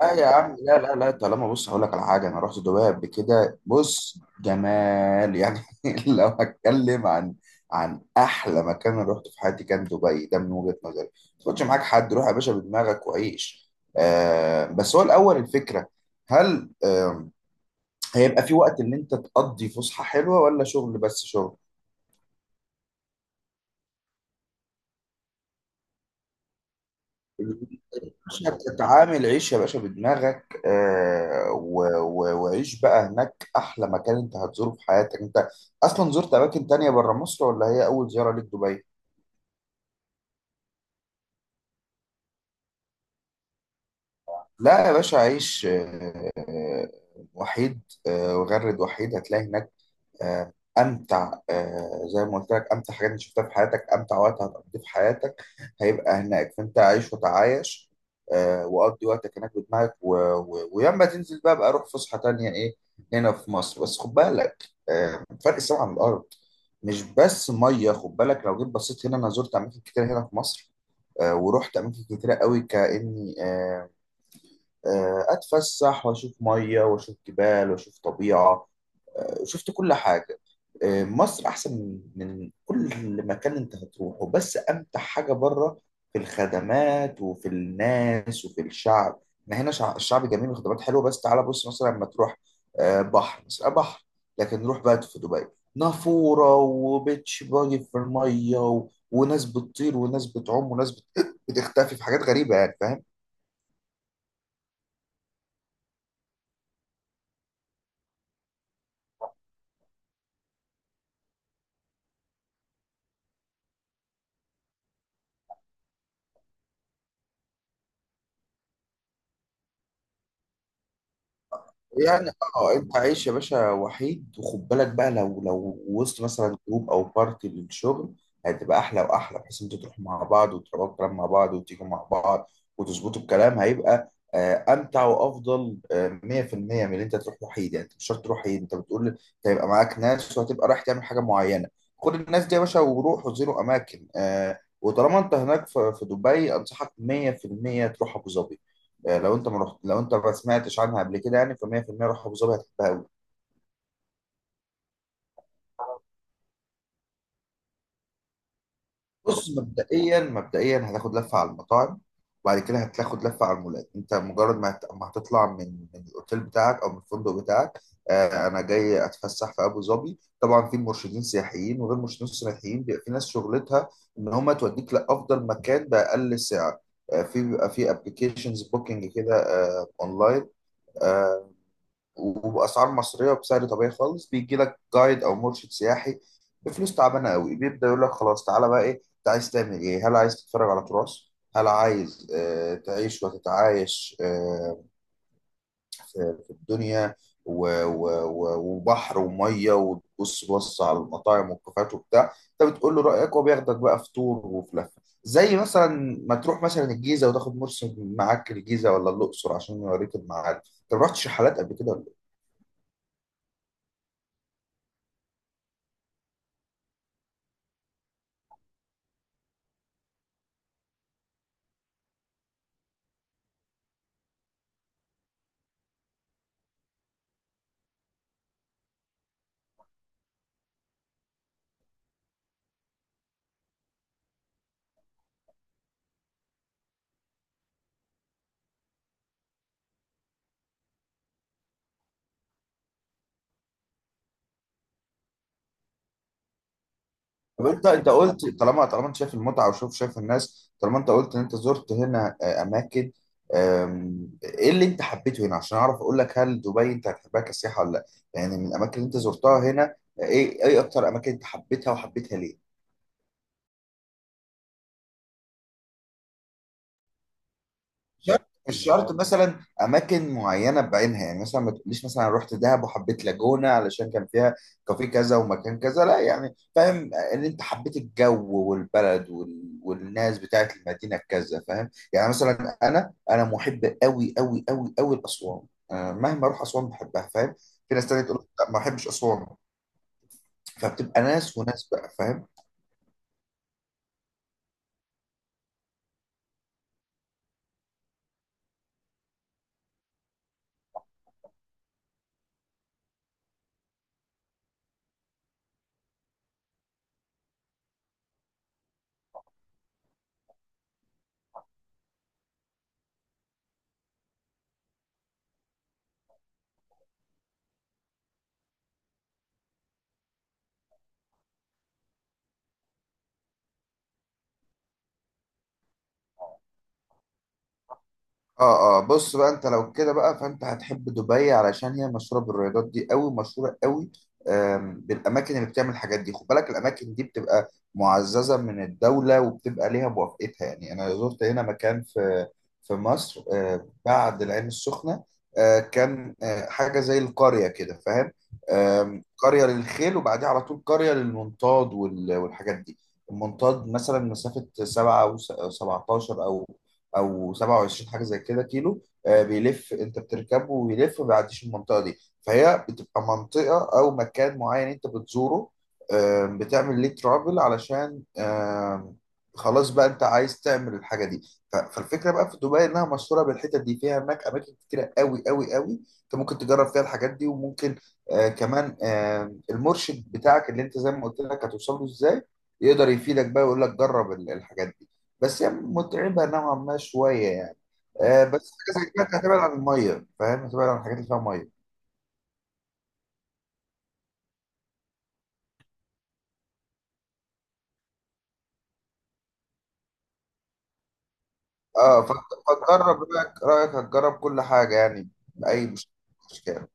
لا يا عم، لا لا لا. طالما، بص، هقول لك على حاجه. انا رحت دبي قبل كده. بص، جمال يعني. لو هتكلم عن احلى مكان انا رحت في حياتي، كان دبي. ده من وجهه نظري، ما تاخدش معاك حد. روح يا باشا بدماغك وعيش. بس هو الاول، الفكره، هل هيبقى في وقت ان انت تقضي فسحه حلوه، ولا شغل بس شغل؟ باشا تتعامل، عيش يا باشا بدماغك، وعيش بقى هناك. احلى مكان انت هتزوره في حياتك. انت اصلا زرت اماكن تانية بره مصر، ولا هي اول زيارة ليك دبي؟ لا يا باشا، عيش، وحيد. وغرد وحيد هتلاقي هناك. امتع، زي ما قلت لك، امتع حاجات انت شفتها في حياتك. امتع وقت هتقضيه في حياتك هيبقى هناك، فانت عيش وتعايش. وقضي وقتك هناك بدماغك، وياما تنزل بقى روح فسحه تانية. ايه هنا في مصر؟ بس خد بالك، فرق السما عن الارض. مش بس ميه، خد بالك. لو جيت بصيت هنا، انا زرت اماكن كتير هنا في مصر، ورحت اماكن كتيره قوي، كاني اتفسح واشوف ميه واشوف جبال واشوف طبيعه. شفت كل حاجة. مصر أحسن من كل مكان أنت هتروحه، بس أمتع حاجة بره في الخدمات وفي الناس وفي الشعب. إحنا هنا الشعب جميل وخدمات حلوة، بس تعالى بص مثلا لما تروح، بحر بس بحر. لكن نروح بقى في دبي، نافورة وبيتش، باجي في المية، وناس بتطير وناس بتعوم وناس بتختفي في حاجات غريبة، يعني فاهم. يعني اه، انت عايش يا باشا وحيد. وخد بالك بقى، لو وسط مثلا جروب او بارتي للشغل، هتبقى احلى واحلى، بحيث انتوا تروحوا مع بعض وتقعدوا الكلام مع بعض وتيجوا مع بعض وتظبطوا الكلام. هيبقى امتع وافضل، 100% من اللي انت تروح وحيد. يعني انت مش شرط تروح وحيد، انت بتقول انت هيبقى معاك ناس، وهتبقى رايح تعمل حاجه معينه. خد الناس دي يا باشا وروح وزيروا اماكن. وطالما انت هناك في دبي، انصحك 100% تروح ابو ظبي. لو انت ما رحت، لو انت ما سمعتش عنها قبل كده، يعني ف 100% روح ابو ظبي، هتحبها قوي. بص، مبدئيا هتاخد لفه على المطاعم، وبعد كده هتاخد لفه على المولات. انت مجرد ما ما هتطلع من الاوتيل بتاعك او من الفندق بتاعك. انا جاي اتفسح في ابو ظبي. طبعا في مرشدين سياحيين وغير مرشدين سياحيين، بيبقى في ناس شغلتها ان هم توديك لافضل مكان باقل سعر. في بيبقى في ابلكيشنز بوكينج كده، اونلاين، وباسعار مصريه وبسعر طبيعي خالص. بيجي لك جايد او مرشد سياحي بفلوس تعبانه قوي، بيبدا يقول لك خلاص، تعالى بقى، ايه انت عايز تعمل؟ ايه، هل عايز تتفرج على تراث؟ هل عايز تعيش وتتعايش في, الدنيا؟ و و و وبحر وميه. وتبص على المطاعم والكافيهات وبتاع. انت بتقول له رايك، وبياخدك بقى في تور وفي لفه، زي مثلا ما تروح مثلا الجيزه، وتاخد مرشد معاك الجيزه ولا الاقصر، عشان يوريك المعارف. انت ما رحتش رحلات قبل كده؟ طب انت، قلت طالما، انت شايف المتعه، وشوف، شايف الناس، طالما انت قلت ان انت زرت هنا اماكن. ايه اللي انت حبيته هنا، عشان اعرف اقول لك هل دبي انت هتحبها كسياحه ولا لا؟ يعني من الاماكن اللي انت زرتها هنا، ايه، ايه اكتر اماكن انت حبيتها، وحبيتها ليه؟ شرط، مش شرط مثلا اماكن معينه بعينها. يعني مثلا ما تقوليش مثلا أنا رحت دهب وحبيت لاجونا علشان كان فيها كافيه كذا ومكان كذا. لا يعني، فاهم ان انت حبيت الجو والبلد والناس بتاعت المدينه كذا، فاهم. يعني مثلا انا، محب قوي قوي قوي قوي لاسوان. أنا مهما اروح اسوان بحبها، فاهم. في ناس تانية تقول لك لا ما بحبش اسوان. فبتبقى ناس وناس بقى، فاهم. اه اه، بص بقى، انت لو كده بقى، فانت هتحب دبي، علشان هي مشهوره بالرياضات دي قوي، مشهوره قوي. بالاماكن اللي بتعمل الحاجات دي. خد بالك الاماكن دي بتبقى معززه من الدوله، وبتبقى ليها موافقتها. يعني انا زرت هنا مكان في مصر، بعد العين السخنه، كان حاجه زي القريه كده، فاهم. قريه للخيل، وبعديها على طول قريه للمنطاد والحاجات دي. المنطاد مثلا مسافه 7 و 17 او 27 حاجه زي كده كيلو، بيلف. انت بتركبه ويلف، ما بيعديش المنطقه دي. فهي بتبقى منطقه او مكان معين انت بتزوره. بتعمل ليه ترافل، علشان خلاص بقى انت عايز تعمل الحاجه دي. فالفكره بقى في دبي، انها مشهوره بالحتت دي. فيها هناك اماكن كتيره قوي قوي قوي انت ممكن تجرب فيها الحاجات دي. وممكن كمان، المرشد بتاعك اللي انت زي ما قلت لك هتوصل له ازاي، يقدر يفيدك بقى، ويقول لك جرب الحاجات دي. بس هي متعبة نوعا ما شوية يعني. بس حاجة زي كده أنت هتبعد عن المية، فاهم، هتبعد عن الحاجات اللي فيها مية. اه، فتجرب رأيك، هتجرب كل حاجة يعني، بأي مشكلة.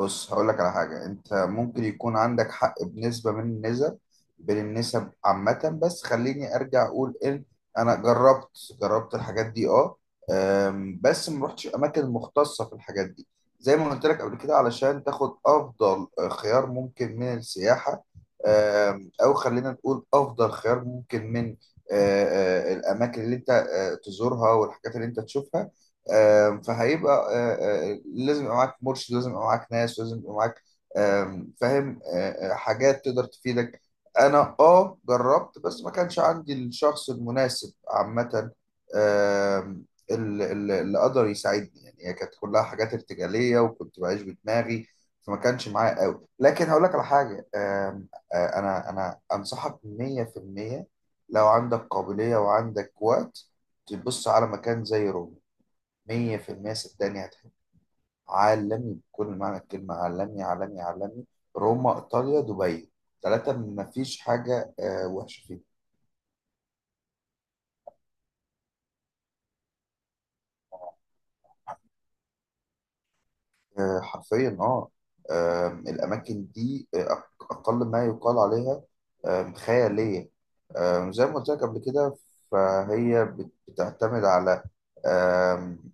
بص هقول لك على حاجة، انت ممكن يكون عندك حق بنسبة من النسب بين النسب عامة. بس خليني ارجع اقول ان، انا جربت، الحاجات دي اه. بس ما رحتش اماكن مختصة في الحاجات دي، زي ما قلت لك قبل كده، علشان تاخد افضل خيار ممكن من السياحة. او خلينا نقول افضل خيار ممكن من آه، الاماكن اللي انت تزورها، والحاجات اللي انت تشوفها. فهيبقى لازم يبقى معاك مرشد، لازم يبقى معاك ناس، لازم يبقى معاك فاهم، حاجات تقدر تفيدك. انا اه جربت، بس ما كانش عندي الشخص المناسب عامة، آم، اللي قدر يساعدني. يعني هي كانت كلها حاجات ارتجالية، وكنت بعيش بدماغي، فما كانش معايا قوي. لكن هقول لك على حاجة، آم، آه، انا، انصحك 100%، لو عندك قابلية وعندك وقت، تبص على مكان زي روما. مية في المية صدقني هتحب. عالمي بكل معنى الكلمة، عالمي عالمي عالمي. روما، إيطاليا، دبي، ثلاثة مفيش حاجة وحشة فيهم. حرفيا اه. الاماكن دي اقل ما يقال عليها خياليه. زي ما قلت لك قبل كده. فهي بتعتمد على آم،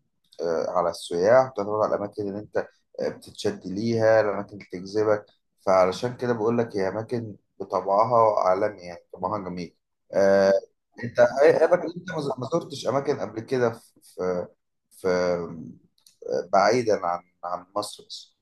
آه، على السياح، بتعتمد على الاماكن اللي انت بتتشد ليها، الاماكن اللي تجذبك. فعلشان كده بقول لك هي اماكن بطبعها عالمي، يعني طبعها جميل. آه، انت ايه، إيه اماكن انت ما زرتش اماكن قبل كده في في بعيدا عن مصر بس؟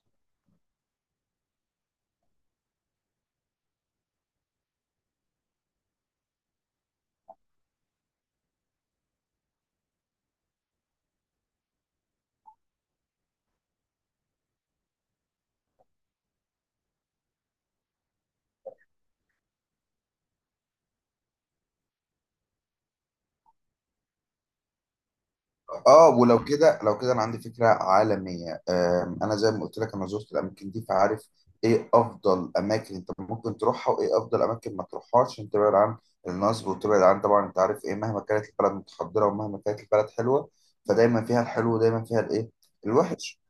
اه ولو كده، لو كده انا عندي فكره عالميه. انا زي ما قلت لك انا زرت الاماكن دي، فعارف ايه افضل اماكن انت ممكن تروحها، وايه افضل اماكن ما تروحهاش، عشان تبعد عن النصب، وتبعد عن، طبعا انت عارف، ايه مهما كانت البلد متحضره، ومهما كانت البلد حلوه، فدايما فيها الحلو، ودايما فيها الايه، الوحش.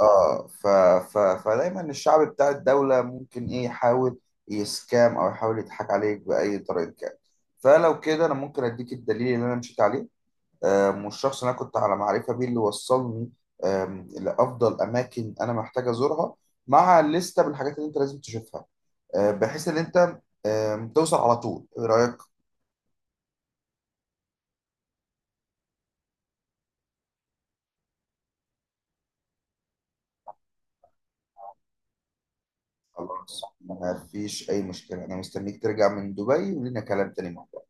اه فدايما الشعب بتاع الدولة ممكن ايه، يحاول يسكام او يحاول يضحك عليك بأي طريقة كان. فلو كده انا ممكن اديك الدليل اللي انا مشيت عليه، والشخص اللي انا كنت على معرفة بيه اللي وصلني لافضل اماكن انا محتاج ازورها، مع لستة بالحاجات اللي انت لازم تشوفها، بحيث ان انت توصل على طول. ايه رأيك؟ خلاص، ما فيش اي مشكلة. انا مستنيك ترجع من دبي، ولينا كلام تاني مع بعض.